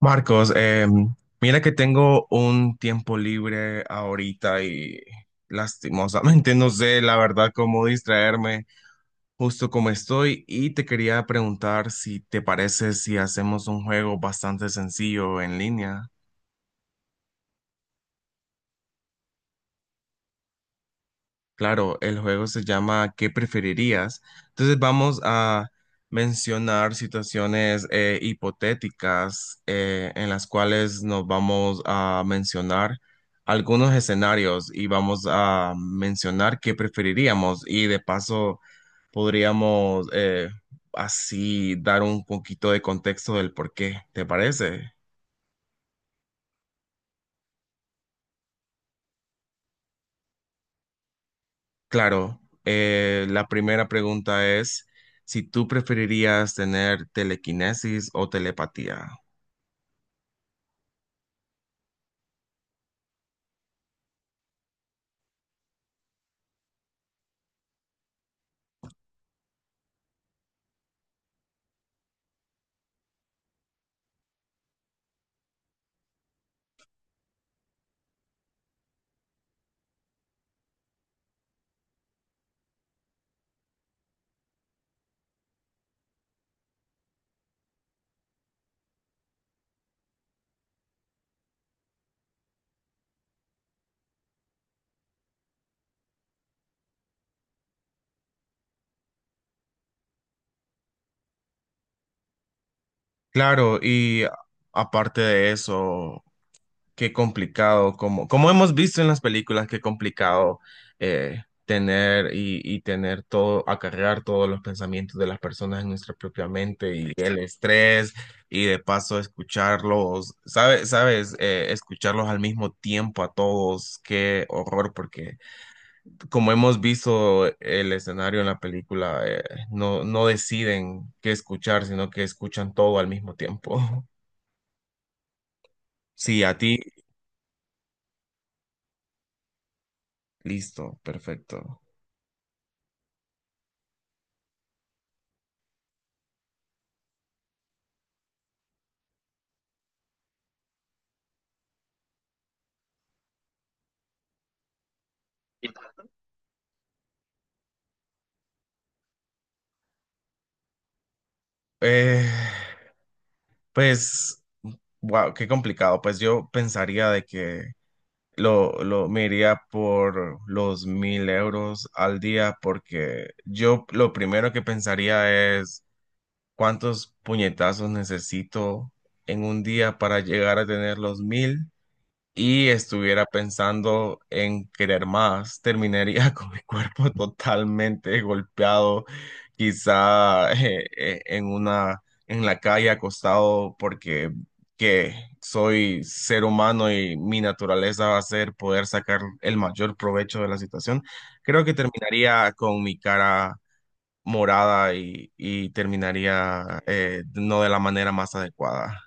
Marcos, mira que tengo un tiempo libre ahorita y lastimosamente no sé la verdad cómo distraerme justo como estoy y te quería preguntar si te parece si hacemos un juego bastante sencillo en línea. Claro, el juego se llama ¿Qué preferirías? Entonces vamos a mencionar situaciones hipotéticas en las cuales nos vamos a mencionar algunos escenarios y vamos a mencionar qué preferiríamos y de paso podríamos así dar un poquito de contexto del por qué, ¿te parece? Claro, la primera pregunta es si tú preferirías tener telequinesis o telepatía. Claro, y aparte de eso, qué complicado, como, como hemos visto en las películas, qué complicado tener y tener todo, acarrear todos los pensamientos de las personas en nuestra propia mente y el estrés y de paso escucharlos, ¿sabes? ¿Sabes? Escucharlos al mismo tiempo a todos, qué horror, porque como hemos visto el escenario en la película, no, no deciden qué escuchar, sino que escuchan todo al mismo tiempo. Sí, a ti, listo, perfecto. Eh, pues, wow, qué complicado. Pues yo pensaría de que lo me iría por los 1000 euros al día, porque yo lo primero que pensaría es cuántos puñetazos necesito en un día para llegar a tener los mil y estuviera pensando en querer más, terminaría con mi cuerpo totalmente golpeado, quizá en una en la calle acostado porque que soy ser humano y mi naturaleza va a ser poder sacar el mayor provecho de la situación. Creo que terminaría con mi cara morada y terminaría no de la manera más adecuada.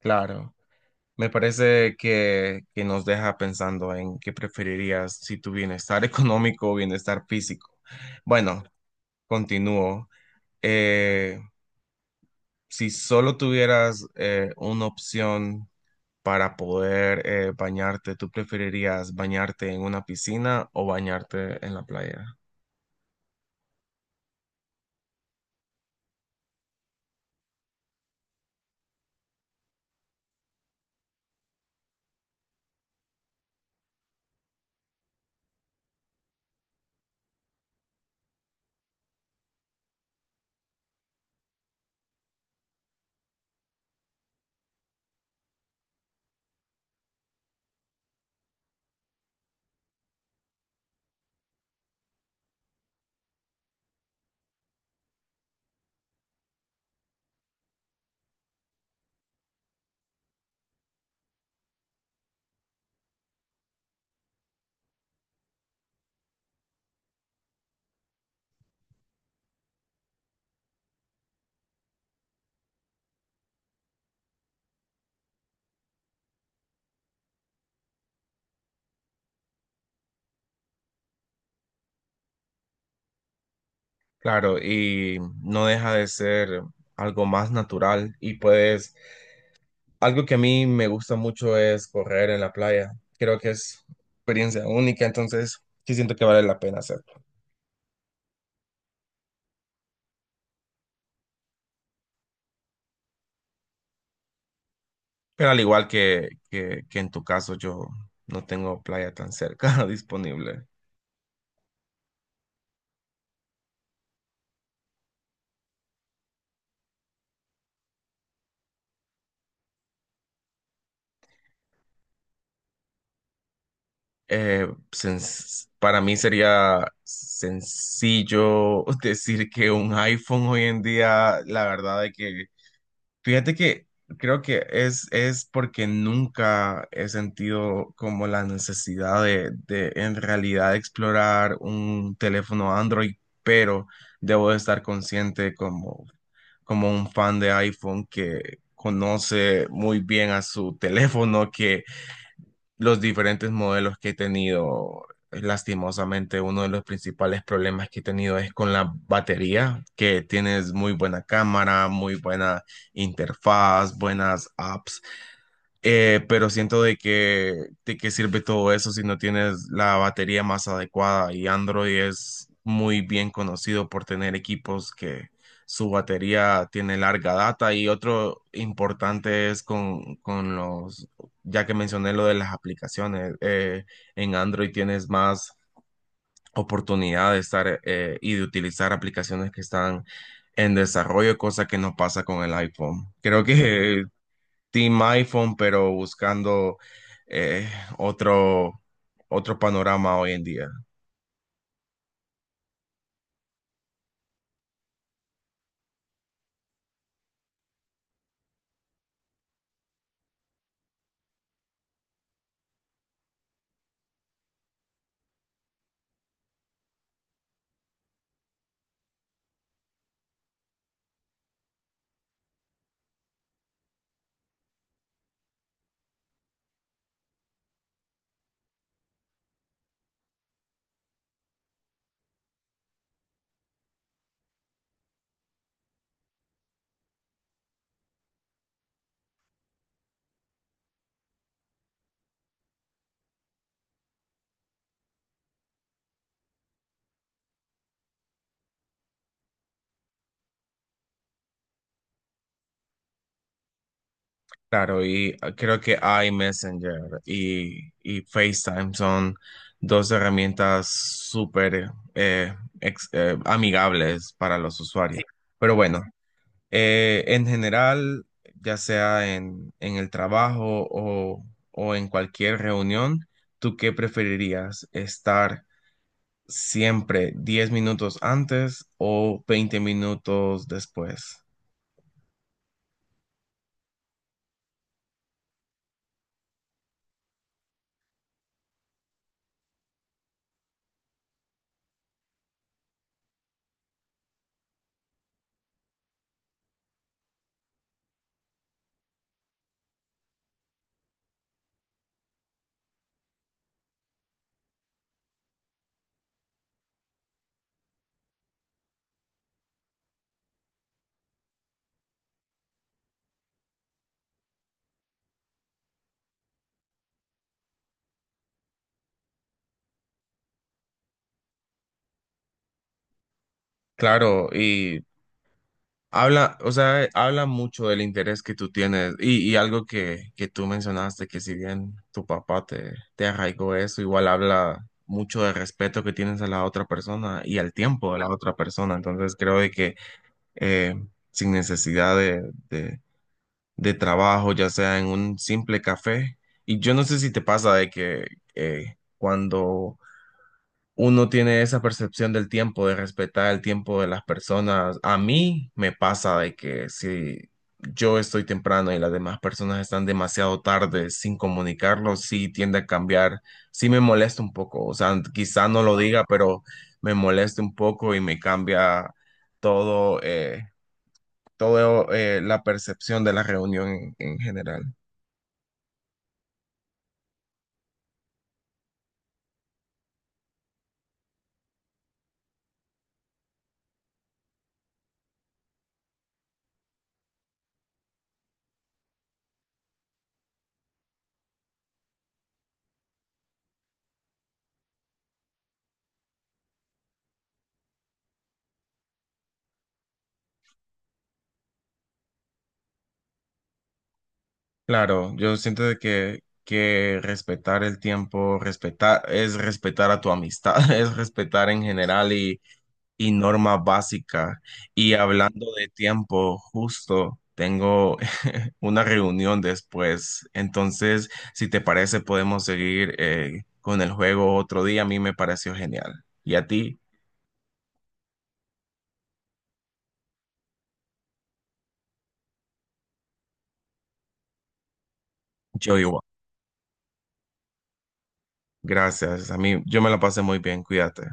Claro. Me parece que nos deja pensando en qué preferirías si tu bienestar económico o bienestar físico. Bueno, continúo. Eh, si solo tuvieras una opción para poder bañarte, ¿tú preferirías bañarte en una piscina o bañarte en la playa? Claro, y no deja de ser algo más natural y puedes algo que a mí me gusta mucho es correr en la playa. Creo que es experiencia única, entonces sí siento que vale la pena hacerlo. Pero al igual que en tu caso, yo no tengo playa tan cerca disponible. Eh, sens- para mí sería sencillo decir que un iPhone hoy en día, la verdad es que fíjate que creo que es porque nunca he sentido como la necesidad de en realidad explorar un teléfono Android, pero debo de estar consciente como, como un fan de iPhone que conoce muy bien a su teléfono, que los diferentes modelos que he tenido, lastimosamente uno de los principales problemas que he tenido es con la batería, que tienes muy buena cámara, muy buena interfaz, buenas apps pero siento de que de qué sirve todo eso si no tienes la batería más adecuada y Android es muy bien conocido por tener equipos que su batería tiene larga data y otro importante es con los, ya que mencioné lo de las aplicaciones, en Android tienes más oportunidad de estar y de utilizar aplicaciones que están en desarrollo, cosa que no pasa con el iPhone. Creo que Team iPhone, pero buscando eh, otro, otro panorama hoy en día. Claro, y creo que iMessenger y FaceTime son dos herramientas súper amigables para los usuarios. Pero bueno, en general, ya sea en el trabajo o en cualquier reunión, ¿tú qué preferirías? ¿Estar siempre 10 minutos antes o 20 minutos después? Claro, y habla, o sea, habla mucho del interés que tú tienes y algo que tú mencionaste, que si bien tu papá te arraigó eso, igual habla mucho del respeto que tienes a la otra persona y al tiempo de la otra persona. Entonces creo de que eh, sin necesidad de de trabajo, ya sea en un simple café, y yo no sé si te pasa de que cuando uno tiene esa percepción del tiempo, de respetar el tiempo de las personas. A mí me pasa de que si yo estoy temprano y las demás personas están demasiado tarde sin comunicarlo, sí tiende a cambiar, sí me molesta un poco. O sea, quizá no lo diga, pero me molesta un poco y me cambia todo, la percepción de la reunión en general. Claro, yo siento de que respetar el tiempo, respetar, es respetar a tu amistad, es respetar en general y norma básica. Y hablando de tiempo, justo tengo una reunión después. Entonces, si te parece, podemos seguir con el juego otro día. A mí me pareció genial. Y a ti, yo igual. Gracias. A mí, yo me la pasé muy bien. Cuídate.